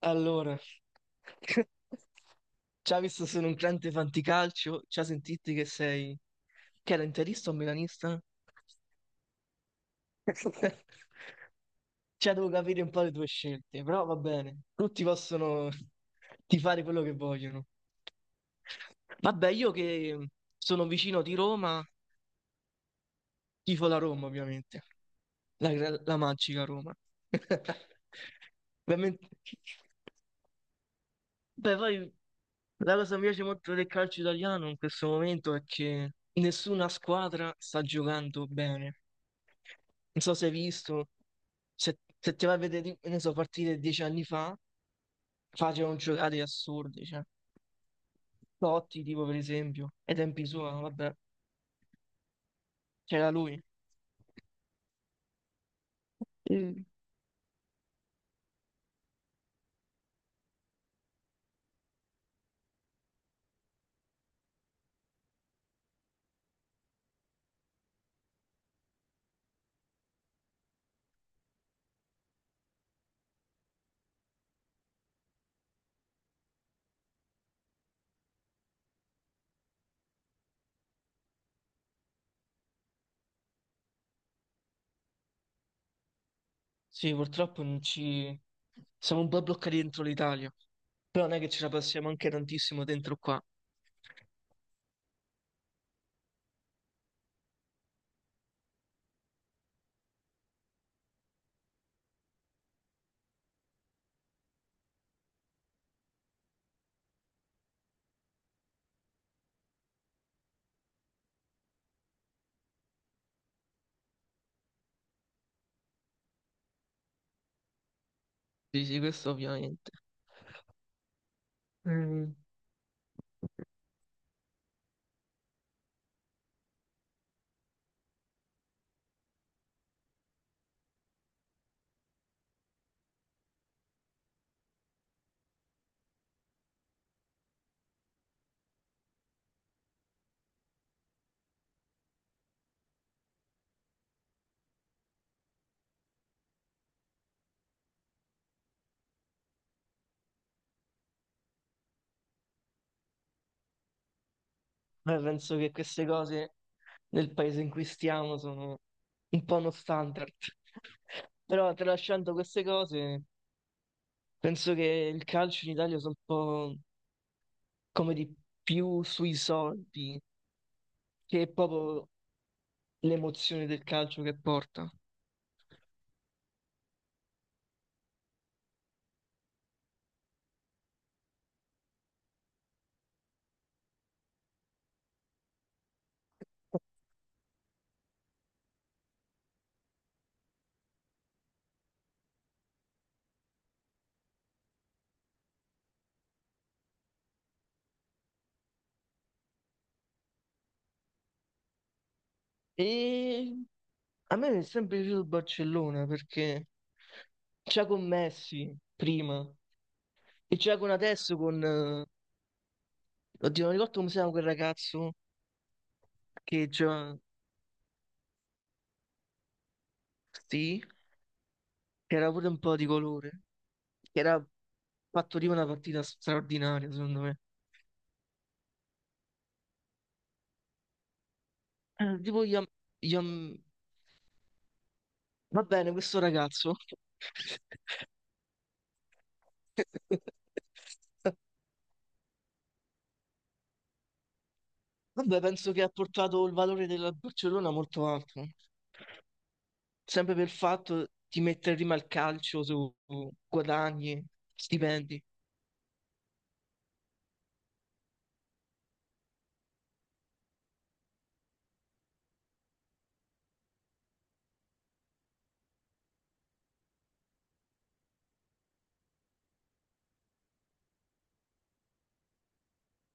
Allora, ci ha visto sono un grande fanticalcio, ci ha sentito che sei... che era interista o milanista? Cioè, devo capire un po' le tue scelte, però va bene, tutti possono tifare quello che vogliono. Vabbè, io che sono vicino di Roma, tifo la Roma, ovviamente, la magica Roma. Ovviamente... Beh, poi la cosa che mi piace molto del calcio italiano in questo momento è che nessuna squadra sta giocando bene. Non so se hai visto, se ti vai a vedere, ne so, partite 10 anni fa, facevano giocate assurdi, cioè. Totti, tipo, per esempio, ai tempi suoi, vabbè, c'era lui. Mm. Sì, purtroppo non ci... siamo un po' bloccati dentro l'Italia, però non è che ce la passiamo anche tantissimo dentro qua. Sì, sì, questo ovviamente. Mm. Beh, penso che queste cose nel paese in cui stiamo sono un po' uno standard. Però tralasciando queste cose, penso che il calcio in Italia sia un po' come di più sui soldi che è proprio l'emozione del calcio che porta. E a me mi è sempre piaciuto il Barcellona perché c'è con Messi prima e c'è con adesso Oddio, non ricordo come si chiama quel ragazzo che già... che era pure un po' di colore, che era fatto lì una partita straordinaria, secondo me. Tipo, Iam- va bene, questo ragazzo. Vabbè, penso che ha portato il valore della Barcellona molto alto, sempre per il fatto di mettere prima il calcio su guadagni, stipendi.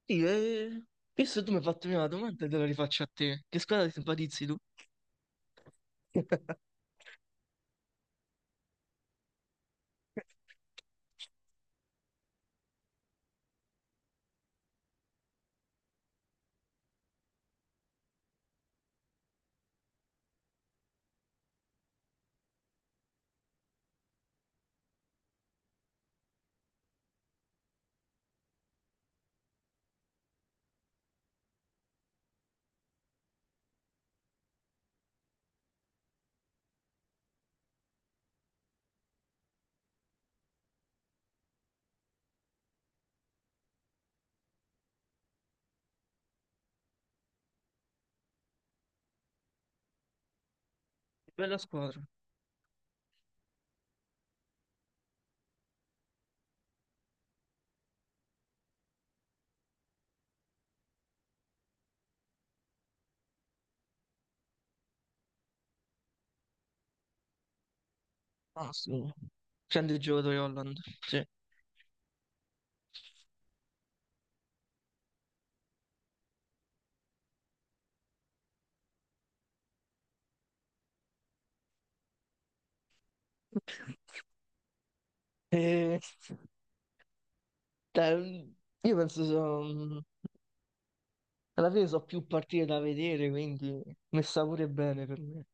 Sì, e... Visto che tu mi hai fatto prima la domanda, te la rifaccio a te. Che squadra ti simpatizzi tu? Bella squadra. Ah, sì. Grande giocatore Holland, sì. E, cioè, io penso, so- alla fine so più partite da vedere, quindi messa pure bene per me.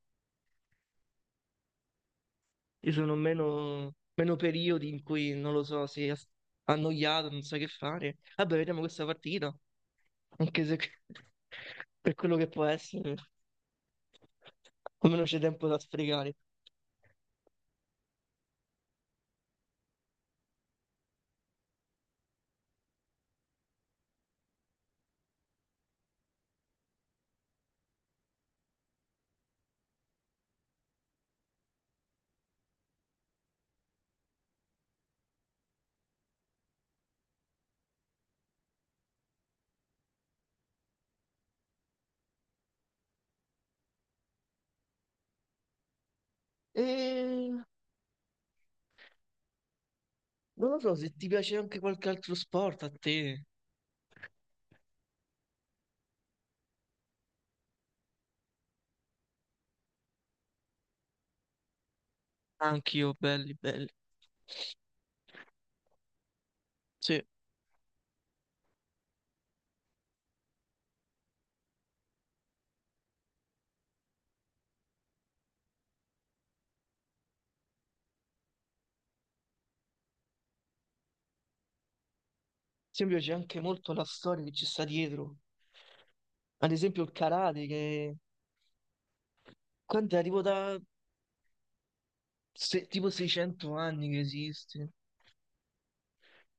Ci sono meno periodi in cui, non lo so, annoiato, non sai che fare. Vabbè, vediamo questa partita, anche se per quello che può essere, almeno c'è tempo da sfregare. E non lo so se ti piace anche qualche altro sport a te. Anch'io, belli, belli. Sì. Ad esempio c'è anche molto la storia che ci sta dietro. Ad esempio il karate che... Quanto è? Tipo da... se- tipo 600 anni che esiste.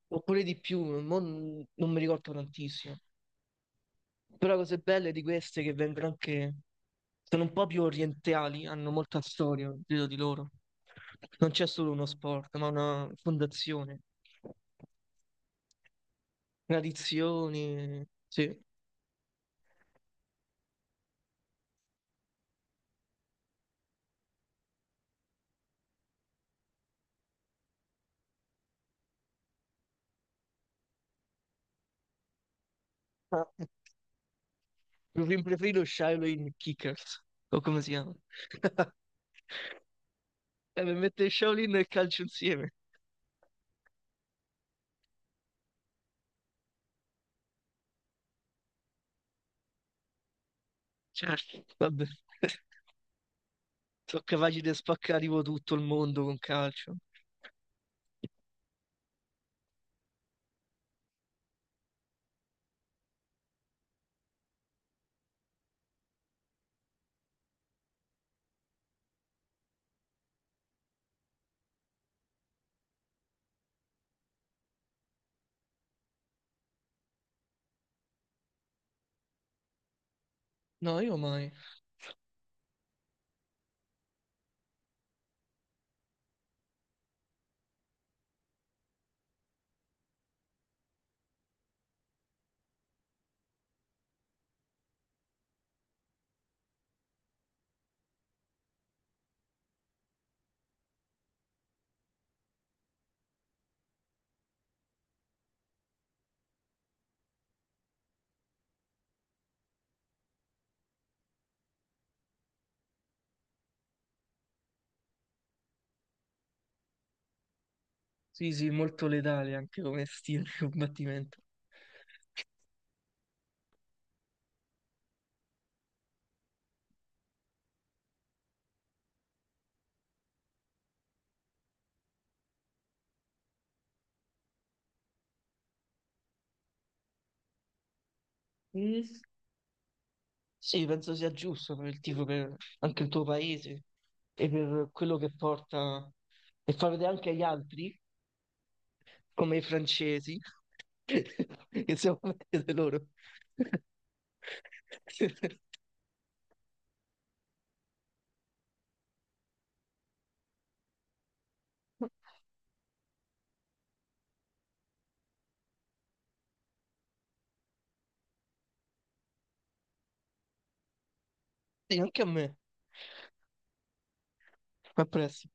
Oppure di più, mo non mi ricordo tantissimo. Però cose belle di queste che vengono anche... Sono un po' più orientali, hanno molta storia dietro di loro. Non c'è solo uno sport, ma una fondazione, tradizioni. Sì. Mi film preferito è Shaolin Kickers, o come si chiama? Mi mette Shaolin e calcio insieme. Certo, vabbè. Sono capaci di spaccare tipo tutto il mondo con calcio. No, io mai. Sì, sì, molto letale anche come stile di combattimento. Mm, sì, penso sia giusto per il tifo, per anche il tuo paese e per quello che porta e far vedere anche agli altri come i francesi, insieme a vedere loro. Sì, anche a me. A presto.